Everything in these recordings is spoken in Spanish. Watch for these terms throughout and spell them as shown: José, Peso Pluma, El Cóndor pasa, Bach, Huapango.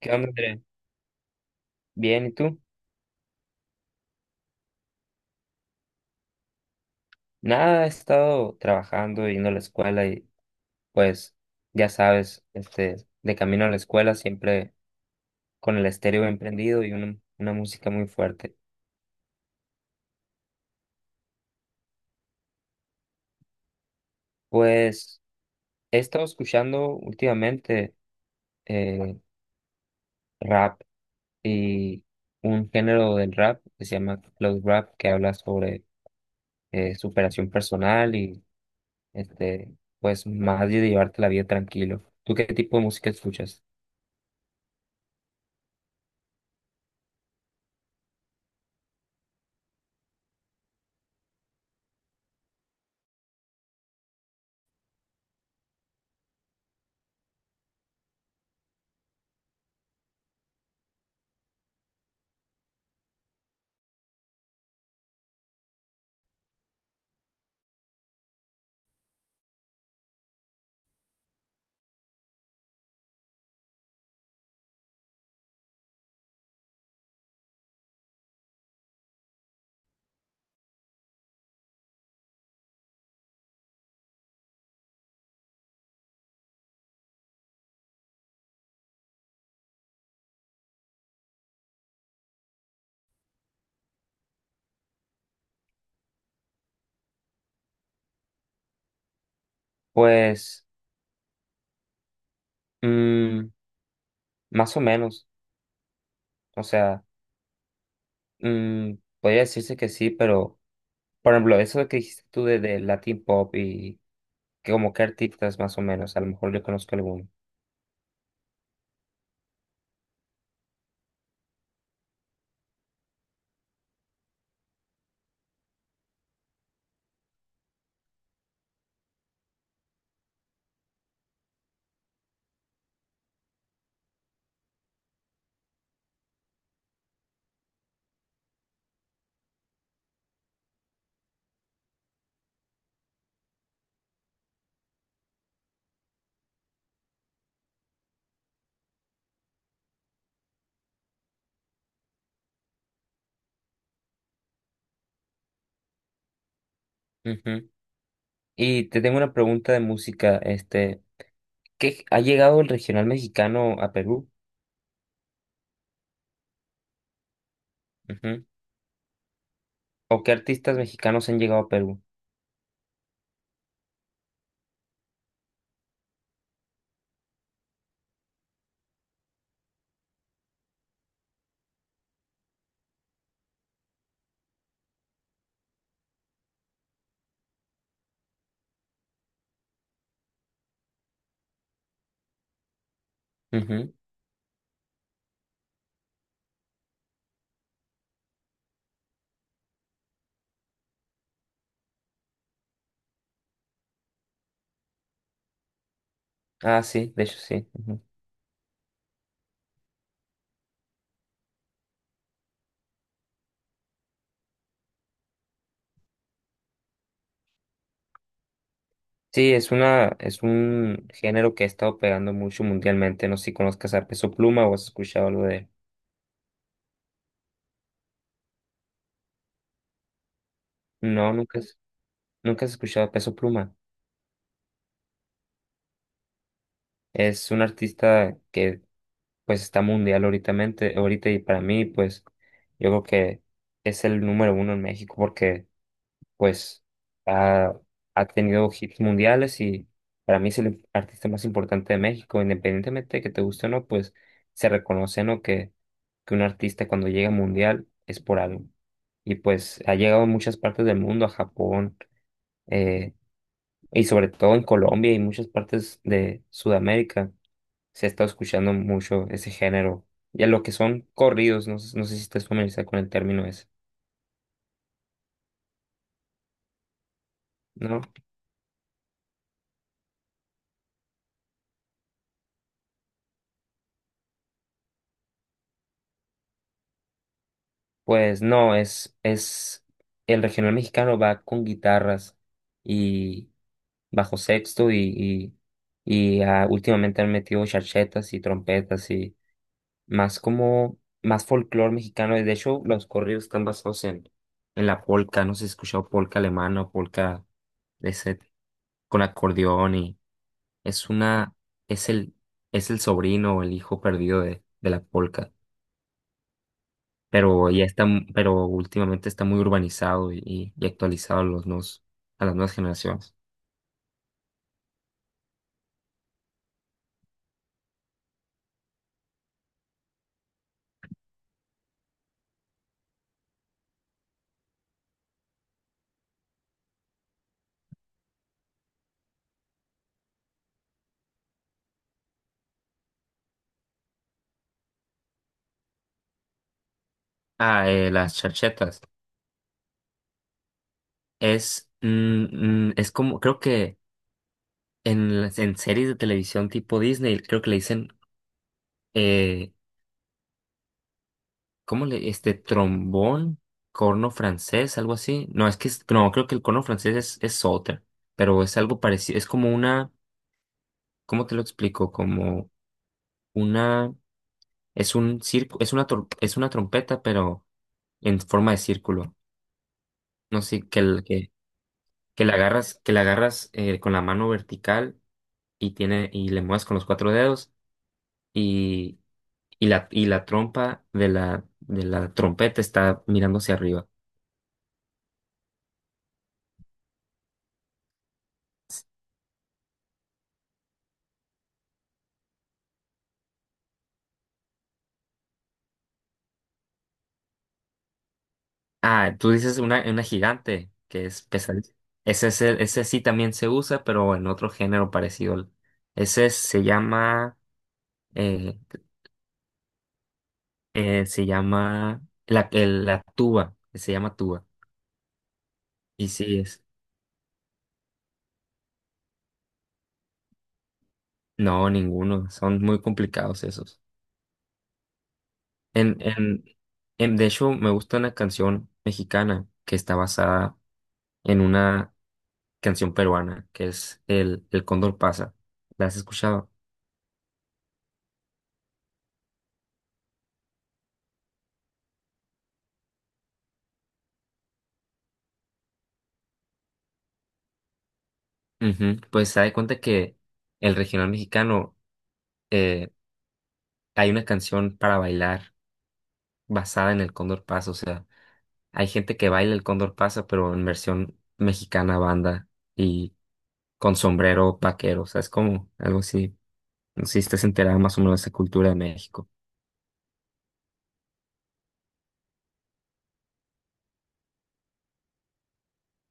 ¿Qué onda, André? Bien, ¿y tú? Nada, he estado trabajando, yendo a la escuela y pues ya sabes, de camino a la escuela siempre con el estéreo bien prendido y una música muy fuerte. Pues he estado escuchando últimamente eh, rap y un género del rap que se llama cloud rap que habla sobre superación personal y este, pues más de llevarte la vida tranquilo. ¿Tú qué tipo de música escuchas? Pues... mm, más o menos, o sea, mm, podría decirse que sí, pero por ejemplo, eso de que dijiste tú de Latin Pop y que como qué artistas más o menos, a lo mejor yo conozco alguno. Ujú. Y te tengo una pregunta de música, ¿qué ha llegado el regional mexicano a Perú? Ujú. ¿O qué artistas mexicanos han llegado a Perú? Ujú. Ah, sí, de hecho sí. Ujú. Sí, es un género que ha estado pegando mucho mundialmente, no sé si conozcas a Peso Pluma o has escuchado algo de él. No, nunca. Nunca has escuchado a Peso Pluma. Es un artista que pues está mundial ahorita y para mí pues yo creo que es el número uno en México porque pues ha, ha tenido hits mundiales y para mí es el artista más importante de México, independientemente de que te guste o no, pues se reconoce, ¿no? Que un artista cuando llega mundial es por algo. Y pues ha llegado a muchas partes del mundo, a Japón, eh, y sobre todo en Colombia y muchas partes de Sudamérica se ha estado escuchando mucho ese género. Ya lo que son corridos, no sé si estás familiarizado con el término ese, ¿no? Pues no, es el regional mexicano va con guitarras y bajo sexto y ah, últimamente han metido charchetas y trompetas y más como, más folclore mexicano. Y de hecho los corridos están basados en la polca, no sé si has escuchado polca alemana o polca... De ese, con acordeón y es una, es el, es el sobrino o el hijo perdido de la polca, pero ya está, pero últimamente está muy urbanizado y actualizado a los nuevos, a las nuevas generaciones. Ah, las charchetas. Es, mm, mm, es como, creo que en series de televisión tipo Disney, creo que le dicen, eh, ¿cómo le, este, trombón? Corno francés, algo así. No, no, creo que el corno francés es otra, pero es algo parecido, es como una, ¿cómo te lo explico? Como una, es un circo, es una trompeta, pero en forma de círculo. No sé, que la agarras con la mano vertical y tiene, y le mueves con los cuatro dedos y, y la trompa de la trompeta está mirando hacia arriba. Ah, tú dices una gigante, que es pesadilla. Ese sí también se usa, pero en otro género parecido. Ese se llama eh, eh, se llama la tuba, se llama tuba. Y sí es. No, ninguno. Son muy complicados esos. En, en, de hecho, me gusta una canción mexicana que está basada en una canción peruana, que es el Cóndor pasa. ¿La has escuchado? Ujú. Pues se da cuenta que el regional mexicano eh, hay una canción para bailar basada en el Cóndor pasa, o sea, hay gente que baila el Cóndor pasa, pero en versión mexicana banda y con sombrero vaquero. O sea, es como algo así. No sé si estás enterado más o menos de esa cultura de México.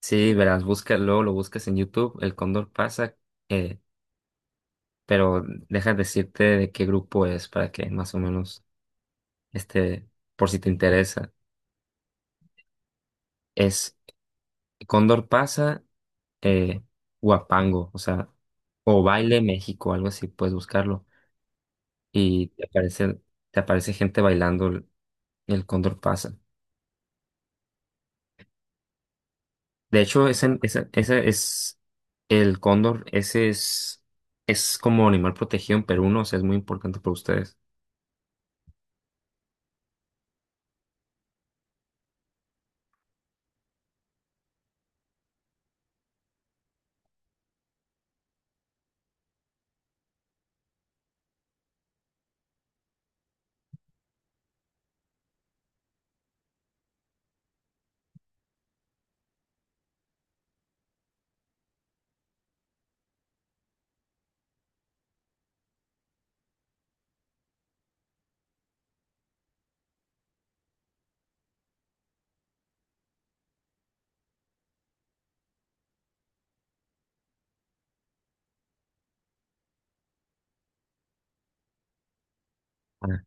Sí, verás, busca, luego lo buscas en YouTube, el Cóndor pasa, eh, pero deja de decirte de qué grupo es para que más o menos, este, por si te interesa. Es Cóndor pasa, eh, Huapango, o sea, o Baile México, algo así, puedes buscarlo. Y te aparece gente bailando el Cóndor pasa. De hecho, ese es el cóndor, ese es como animal protegido en Perú, ¿no? O sea, es muy importante para ustedes. Ah.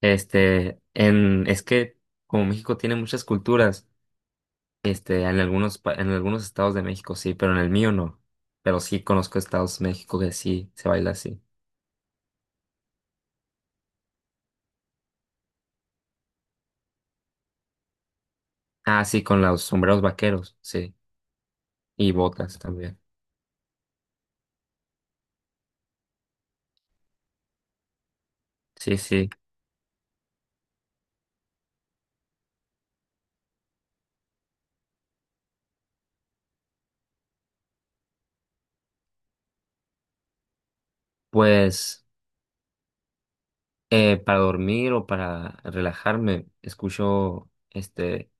Este, en, es que como México tiene muchas culturas, este, en algunos, en algunos estados de México sí, pero en el mío no. Pero sí conozco estados de México que sí se baila así. Ah, sí, con los sombreros vaqueros, sí. Y botas también. Sí, sí. Pues. Para dormir o para relajarme, escucho este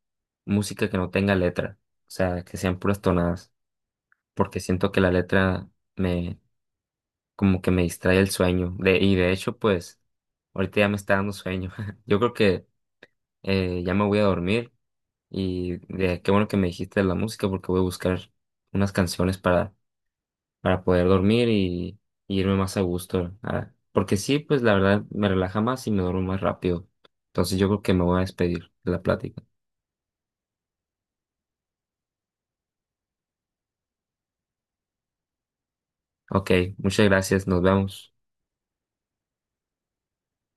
música que no tenga letra, o sea, que sean puras tonadas, porque siento que la letra me como que me distrae el sueño. De, y de hecho, pues, ahorita ya me está dando sueño. Yo creo que ya me voy a dormir y de, qué bueno que me dijiste de la música porque voy a buscar unas canciones para poder dormir y irme más a gusto. Ah, porque sí, pues la verdad me relaja más y me duermo más rápido. Entonces yo creo que me voy a despedir de la plática. Ok, muchas gracias, nos vemos.